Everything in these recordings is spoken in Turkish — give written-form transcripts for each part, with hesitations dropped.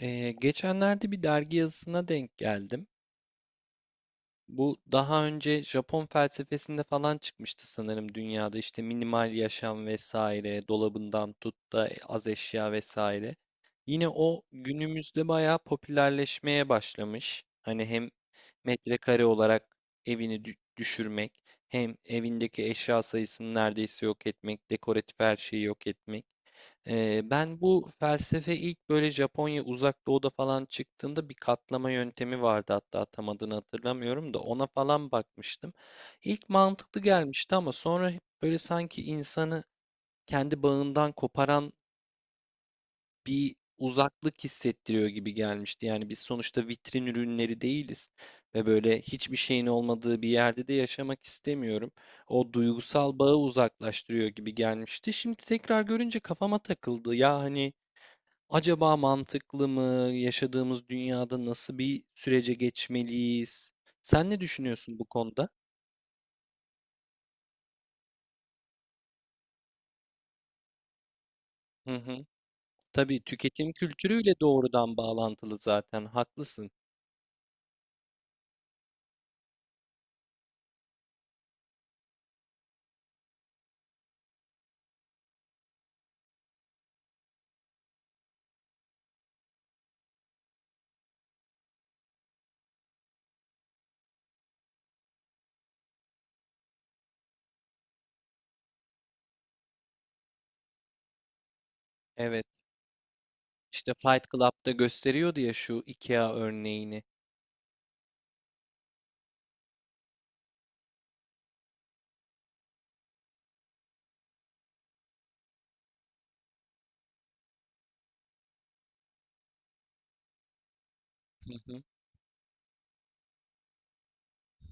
Geçenlerde bir dergi yazısına denk geldim. Bu daha önce Japon felsefesinde falan çıkmıştı sanırım dünyada işte minimal yaşam vesaire, dolabından tut da az eşya vesaire. Yine o günümüzde bayağı popülerleşmeye başlamış. Hani hem metrekare olarak evini düşürmek, hem evindeki eşya sayısını neredeyse yok etmek, dekoratif her şeyi yok etmek. Ben bu felsefe ilk böyle Japonya Uzak Doğu'da falan çıktığında bir katlama yöntemi vardı, hatta tam adını hatırlamıyorum da ona falan bakmıştım. İlk mantıklı gelmişti ama sonra hep böyle sanki insanı kendi bağından koparan bir uzaklık hissettiriyor gibi gelmişti. Yani biz sonuçta vitrin ürünleri değiliz ve böyle hiçbir şeyin olmadığı bir yerde de yaşamak istemiyorum. O duygusal bağı uzaklaştırıyor gibi gelmişti. Şimdi tekrar görünce kafama takıldı. Ya hani acaba mantıklı mı? Yaşadığımız dünyada nasıl bir sürece geçmeliyiz? Sen ne düşünüyorsun bu konuda? Hı hı. Tabii, tüketim kültürüyle doğrudan bağlantılı zaten. Haklısın. Evet. İşte Fight Club'da gösteriyordu ya şu IKEA örneğini. Hı hı,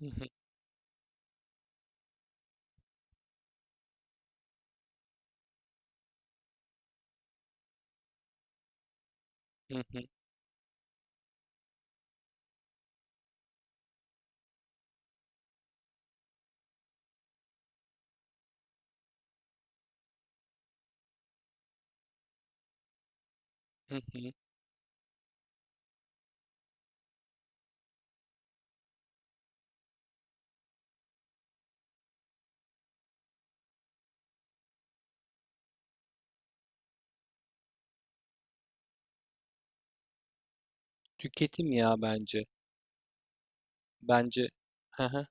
hı hı, hı hı, hı hı. Tüketim ya bence. Bence. Hı hı.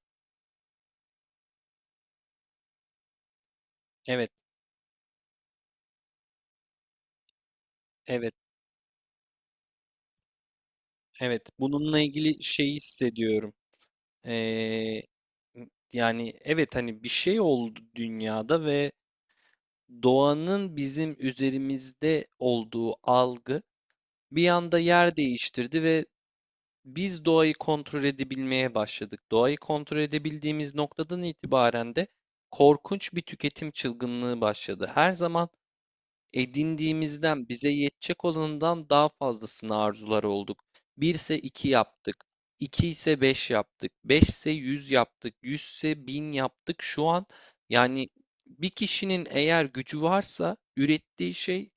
Evet, evet, evet. Bununla ilgili şeyi hissediyorum. Ee, Yani evet hani bir şey oldu dünyada ve doğanın bizim üzerimizde olduğu algı bir anda yer değiştirdi ve biz doğayı kontrol edebilmeye başladık. Doğayı kontrol edebildiğimiz noktadan itibaren de korkunç bir tüketim çılgınlığı başladı. Her zaman edindiğimizden, bize yetecek olanından daha fazlasını arzular olduk. 1 ise 2 yaptık. İki ise 5 yaptık. 5 ise 100 yaptık. 100 ise 1000 yaptık. Şu an yani bir kişinin eğer gücü varsa ürettiği şey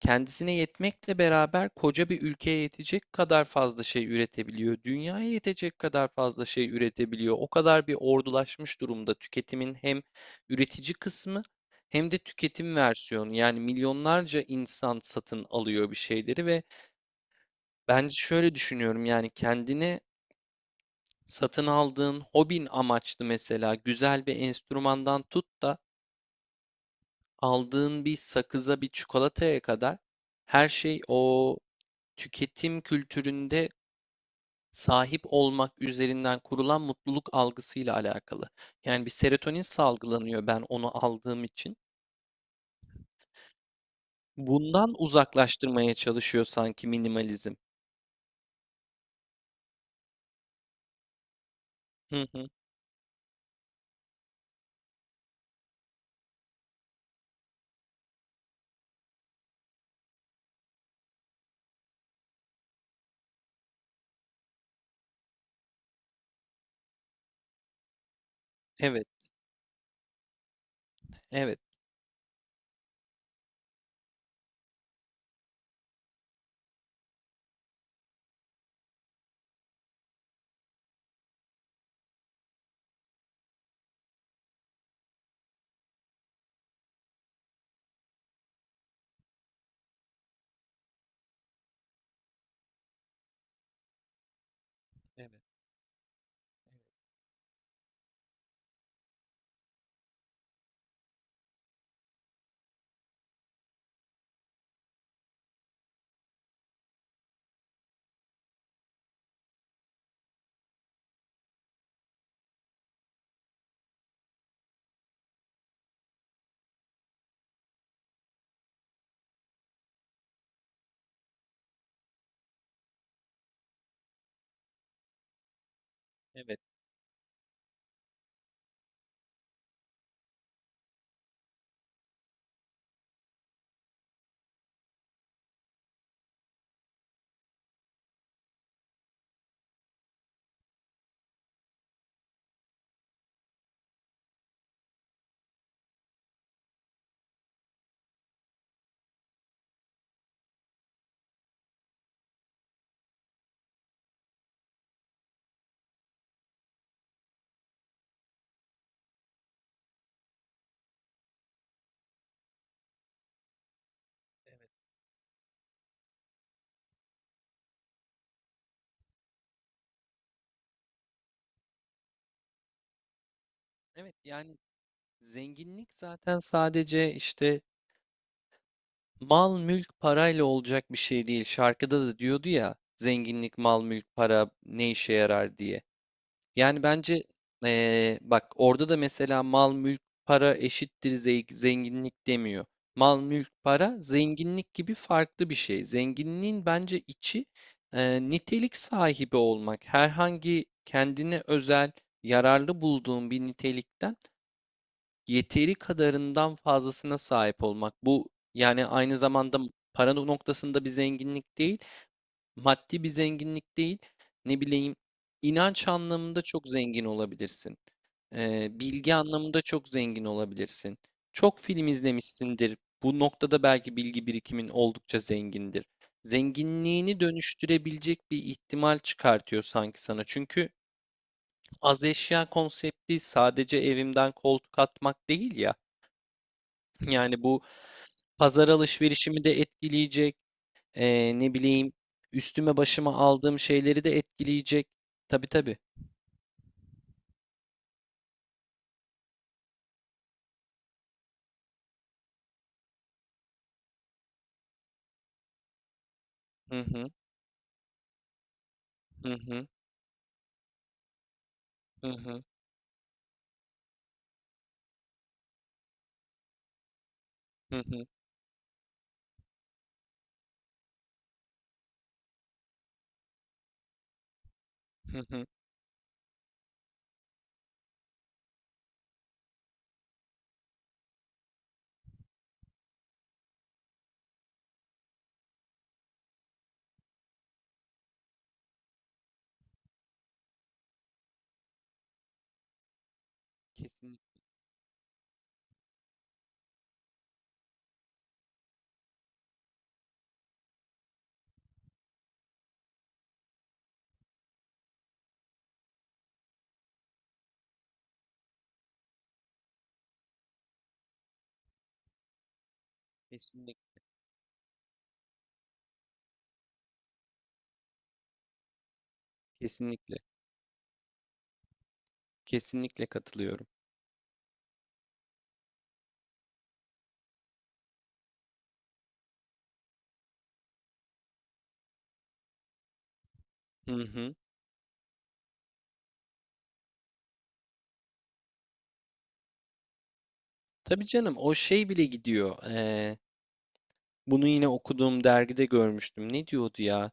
kendisine yetmekle beraber koca bir ülkeye yetecek kadar fazla şey üretebiliyor. Dünyaya yetecek kadar fazla şey üretebiliyor. O kadar bir ordulaşmış durumda tüketimin hem üretici kısmı hem de tüketim versiyonu. Yani milyonlarca insan satın alıyor bir şeyleri ve bence şöyle düşünüyorum: yani kendine satın aldığın hobin amaçlı mesela güzel bir enstrümandan tut da aldığın bir sakıza, bir çikolataya kadar her şey o tüketim kültüründe sahip olmak üzerinden kurulan mutluluk algısıyla alakalı. Yani bir serotonin salgılanıyor ben onu aldığım için. Bundan uzaklaştırmaya çalışıyor sanki minimalizm. Hı hı. Evet, evet, evet, evet. Evet, yani zenginlik zaten sadece işte mal mülk parayla olacak bir şey değil. Şarkıda da diyordu ya, zenginlik mal mülk para ne işe yarar diye. Yani bence, bak orada da mesela mal mülk para eşittir zenginlik demiyor. Mal mülk para zenginlik gibi farklı bir şey. Zenginliğin bence içi nitelik sahibi olmak. Herhangi kendine özel yararlı bulduğun bir nitelikten yeteri kadarından fazlasına sahip olmak. Bu yani aynı zamanda para noktasında bir zenginlik değil. Maddi bir zenginlik değil, ne bileyim, inanç anlamında çok zengin olabilirsin. Bilgi anlamında çok zengin olabilirsin. Çok film izlemişsindir. Bu noktada belki bilgi birikimin oldukça zengindir. Zenginliğini dönüştürebilecek bir ihtimal çıkartıyor sanki sana. Çünkü az eşya konsepti sadece evimden koltuk atmak değil ya. Yani bu pazar alışverişimi de etkileyecek. Ne bileyim, üstüme başıma aldığım şeyleri de etkileyecek. Tabii, tabii. Hı hı, hı hı, hı hı, hı hı, hı hı. Kesinlikle, kesinlikle, kesinlikle, kesinlikle katılıyorum. Hı hı. Tabii canım, o şey bile gidiyor. Bunu yine okuduğum dergide görmüştüm. Ne diyordu ya?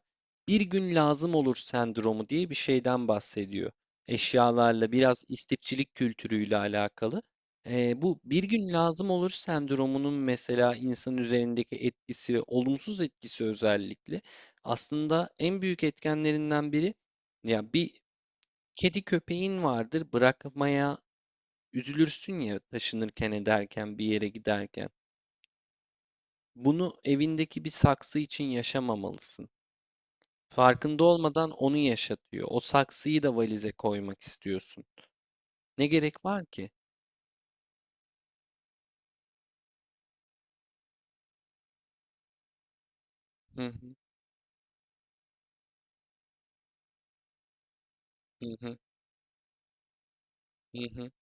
Bir gün lazım olur sendromu diye bir şeyden bahsediyor. Eşyalarla biraz istifçilik kültürüyle alakalı. Bu bir gün lazım olur sendromunun mesela insan üzerindeki etkisi, ve olumsuz etkisi özellikle aslında en büyük etkenlerinden biri, ya bir kedi köpeğin vardır, bırakmaya üzülürsün ya taşınırken ederken bir yere giderken. Bunu evindeki bir saksı için yaşamamalısın. Farkında olmadan onu yaşatıyor. O saksıyı da valize koymak istiyorsun. Ne gerek var ki? Hı hı, hı hı, hı hı.